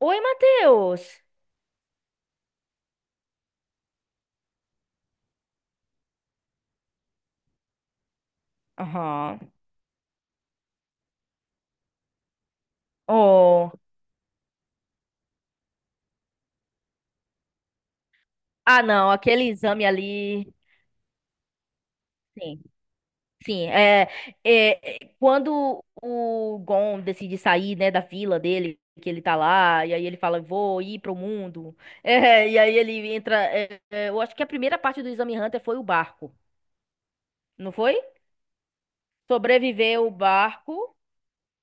Oi, Matheus! Aham. Oh. Ah, não, aquele exame ali. Sim, sim. É, quando o Gon decide sair, né, da vila dele, que ele tá lá, e aí ele fala, vou ir pro mundo. É, e aí ele entra. É, eu acho que a primeira parte do Exame Hunter foi o barco, não foi? Sobreviveu o barco.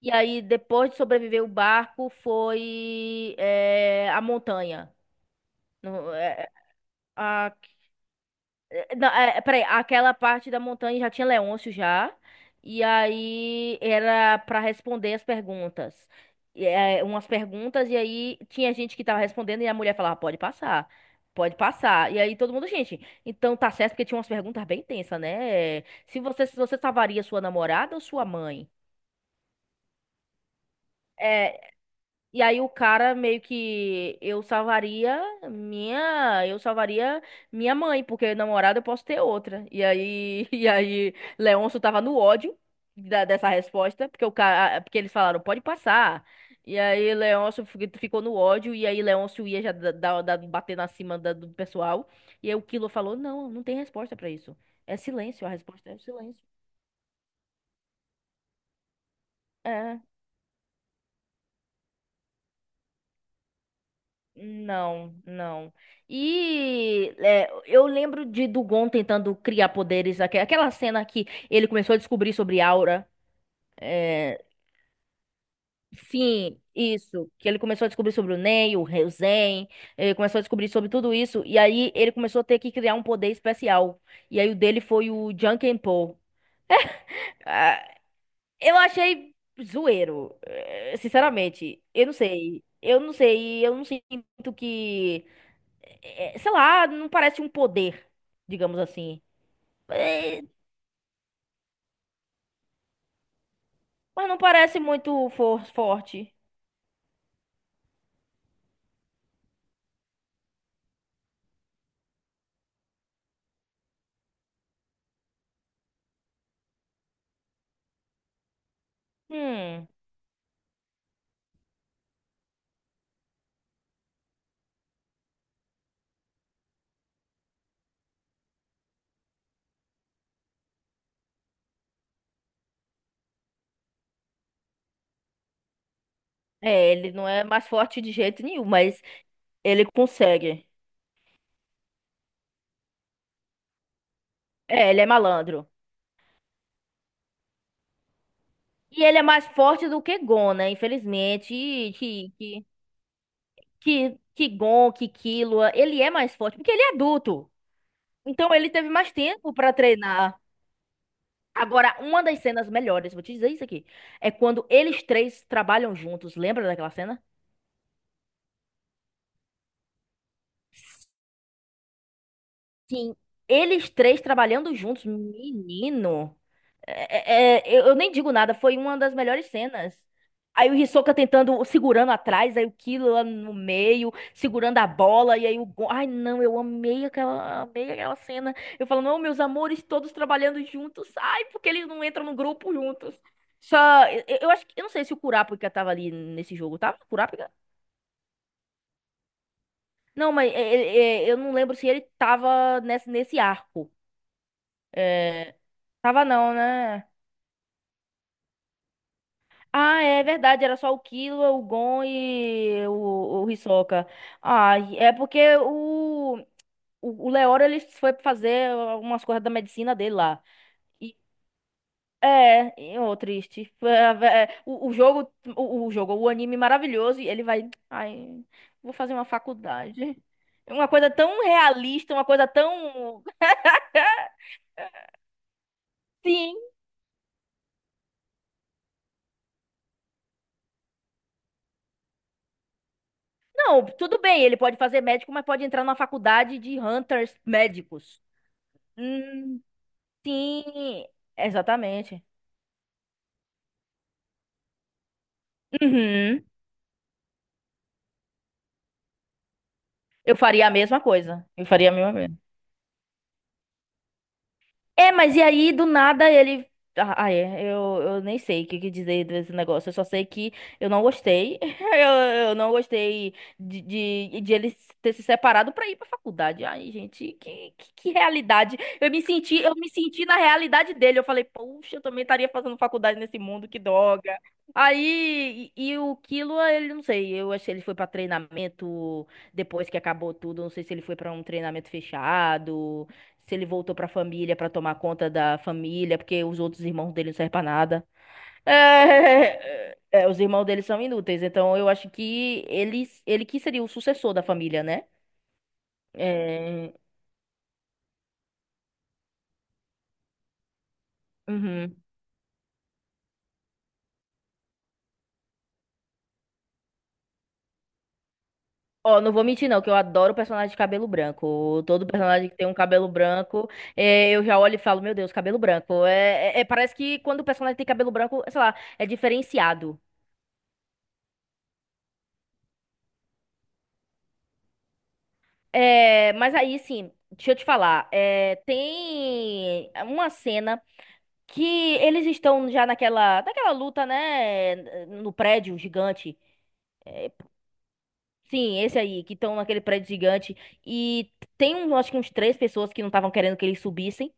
E aí, depois de sobreviver o barco, foi a montanha. No- é, a- Não, peraí, aquela parte da montanha já tinha Leôncio já, e aí era pra responder as perguntas. E, umas perguntas, e aí tinha gente que tava respondendo, e a mulher falava, pode passar, pode passar. E aí todo mundo, gente, então tá certo, porque tinha umas perguntas bem tensas, né? Se você salvaria sua namorada ou sua mãe? É, e aí o cara meio que eu salvaria minha, eu salvaria minha mãe, porque namorada eu posso ter outra. E aí e aí Leôncio tava no ódio dessa resposta, porque porque eles falaram, pode passar. E aí Leôncio ficou no ódio e aí Leôncio ia já bater na cima do pessoal. E aí o Kilo falou: "Não, não tem resposta pra isso. É silêncio, a resposta é silêncio." é Não, não. E, eu lembro de Dugon tentando criar poderes, aquela cena que ele começou a descobrir sobre aura. É, sim, isso. Que ele começou a descobrir sobre o Nen, o Zen, ele começou a descobrir sobre tudo isso. E aí ele começou a ter que criar um poder especial. E aí o dele foi o Jankenpo. Ah, eu achei zoeiro, sinceramente. Eu não sei. Eu não sei. Eu não sinto que. Sei lá, não parece um poder, digamos assim. É, mas não parece muito forte. Hum. É, ele não é mais forte de jeito nenhum, mas ele consegue. É, ele é malandro. E ele é mais forte do que Gon, né? Infelizmente, e que Killua, ele é mais forte, porque ele é adulto. Então ele teve mais tempo pra treinar. Agora, uma das cenas melhores, vou te dizer isso aqui, é quando eles três trabalham juntos. Lembra daquela cena? Sim, eles três trabalhando juntos, menino. É, eu nem digo nada, foi uma das melhores cenas. Aí o Hisoka tentando, segurando atrás, aí o Killua no meio, segurando a bola, e aí o Gon... Ai, não, eu amei aquela cena. Eu falo, não, meus amores, todos trabalhando juntos. Ai, porque eles não entram no grupo juntos. Só, eu acho que, eu não sei se o Kurapika tava ali nesse jogo, tava? Kurapika? Não, mas eu não lembro se ele tava nesse arco. É, tava não, né? Ah, é verdade, era só o Killua, o Gon e o Hisoka. Ah, e é porque o Leoro, ele foi fazer algumas coisas da medicina dele lá. E, e, ô, triste. Foi a ve- é, O anime maravilhoso, e ele vai, ai, vou fazer uma faculdade. É uma coisa tão realista, uma coisa tão... Sim, não, tudo bem, ele pode fazer médico, mas pode entrar numa faculdade de hunters médicos. Hum. Sim, exatamente. Uhum. Eu faria a mesma coisa. Eu faria a mesma. É, mas e aí, do nada, ele. Ah, ah, é. Eu nem sei o que dizer desse negócio. Eu só sei que eu não gostei. Eu, eu não gostei de ele ter se separado pra ir pra faculdade. Ai, gente, que realidade. Eu me senti na realidade dele. Eu falei, poxa, eu também estaria fazendo faculdade nesse mundo, que droga. Aí, e o Kilo, ele não sei. Eu achei que ele foi pra treinamento depois que acabou tudo. Não sei se ele foi pra um treinamento fechado. Se ele voltou pra família pra tomar conta da família, porque os outros irmãos dele não servem pra nada. É, é, os irmãos dele são inúteis, então eu acho que ele que seria o sucessor da família, né? É... uhum. Ó, não vou mentir não, que eu adoro personagem de cabelo branco. Todo personagem que tem um cabelo branco, eu já olho e falo, meu Deus, cabelo branco. É, parece que quando o personagem tem cabelo branco, sei lá, é diferenciado. É, mas aí, sim, deixa eu te falar. Tem uma cena que eles estão já naquela luta, né, no prédio gigante. Sim, esse aí, que estão naquele prédio gigante. E tem, acho que uns três pessoas que não estavam querendo que eles subissem.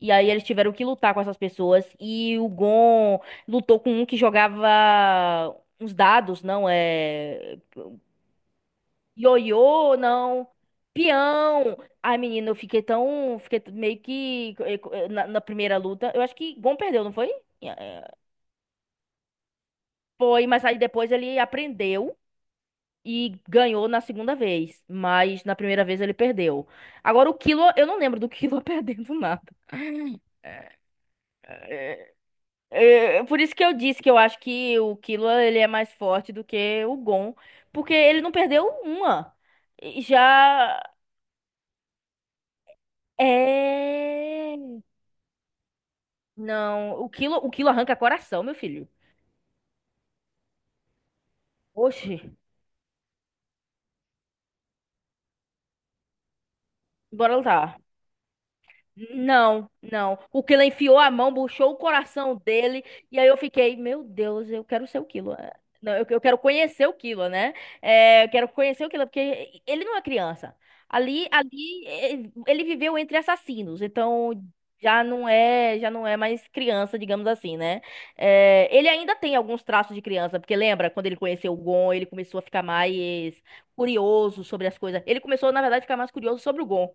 E aí eles tiveram que lutar com essas pessoas. E o Gon lutou com um que jogava uns dados, não é... Ioiô, não... Peão! Ai, menina, eu fiquei tão... Fiquei meio que... Na primeira luta, eu acho que Gon perdeu, não foi? Foi, mas aí depois ele aprendeu e ganhou na segunda vez. Mas na primeira vez ele perdeu. Agora o Kilo, eu não lembro do Kilo perdendo nada. É, é, por isso que eu disse que eu acho que o Kilo ele é mais forte do que o Gon. Porque ele não perdeu uma. E já. É. Não, o Kilo arranca coração, meu filho. Oxi, bora lutar. Não, não. O Killer enfiou a mão, puxou o coração dele, e aí eu fiquei, meu Deus, eu quero ser o Killer. Não, eu quero conhecer o Killer, né? É, eu quero conhecer o Killer, porque ele não é criança. Ali, ali, ele viveu entre assassinos, então já não é mais criança, digamos assim, né? É, ele ainda tem alguns traços de criança, porque lembra quando ele conheceu o Gon, ele começou a ficar mais curioso sobre as coisas. Ele começou, na verdade, a ficar mais curioso sobre o Gon.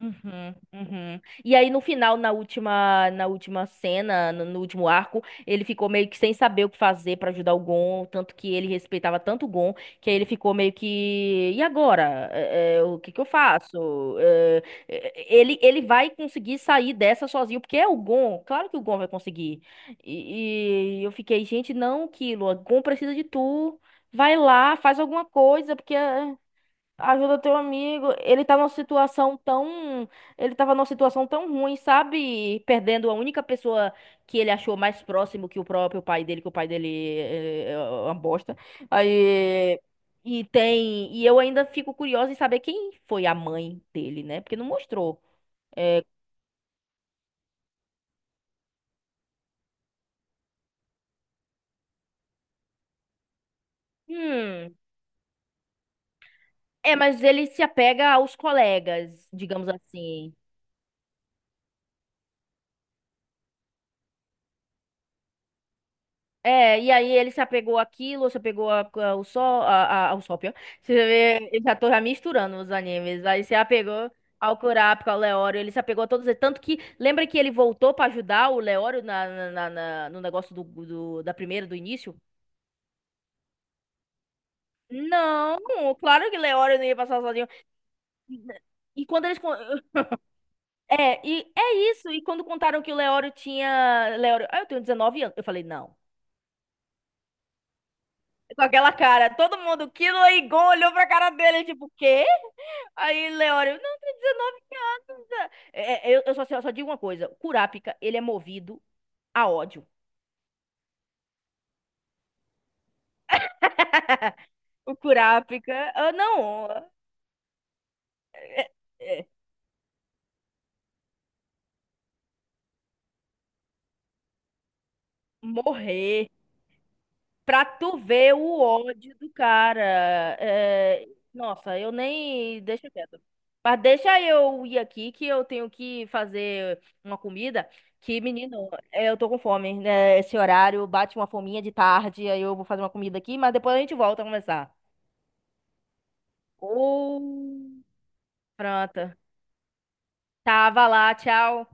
Uhum, uhum. E aí no final, na última cena, no último arco, ele ficou meio que sem saber o que fazer pra ajudar o Gon, tanto que ele respeitava tanto o Gon, que aí ele ficou meio que, e agora? É, o que que eu faço? É, ele vai conseguir sair dessa sozinho, porque é o Gon, claro que o Gon vai conseguir. E, eu fiquei, gente, não, Killua, Gon precisa de tu. Vai lá, faz alguma coisa, porque é. Ajuda teu amigo. Ele tá numa situação tão. Ele tava numa situação tão ruim, sabe? Perdendo a única pessoa que ele achou mais próximo que o próprio pai dele, que o pai dele é uma bosta. Aí. E tem. E eu ainda fico curiosa em saber quem foi a mãe dele, né? Porque não mostrou. É, hum. É, mas ele se apega aos colegas, digamos assim. É, e aí ele se apegou àquilo, se apegou ao sol, ao sol, pior. Você vê, eu já tô já misturando os animes. Aí se apegou ao Kurapika, ao Leório, ele se apegou a todos eles. Tanto que, lembra que ele voltou pra ajudar o Leório no negócio da primeira, do início? Não, claro que Leório não ia passar sozinho. E quando eles... É, e é isso. E quando contaram que o Leório tinha... Leório, ah, eu tenho 19 anos. Eu falei, não. Com aquela cara, todo mundo, Killua e Gon olhou pra cara dele, tipo, o quê? Aí, Leório, não, tem 19 anos, né? É, eu só digo uma coisa: o Kurapika, ele é movido a ódio. O Kurapika, ah, não, é, morrer pra tu ver o ódio do cara. É, nossa, eu nem. Deixa quieto. Mas deixa eu ir aqui que eu tenho que fazer uma comida. Que, menino, eu tô com fome, né? Esse horário bate uma fominha de tarde, aí eu vou fazer uma comida aqui, mas depois a gente volta a conversar. Oh, pronto. Tava lá, tchau.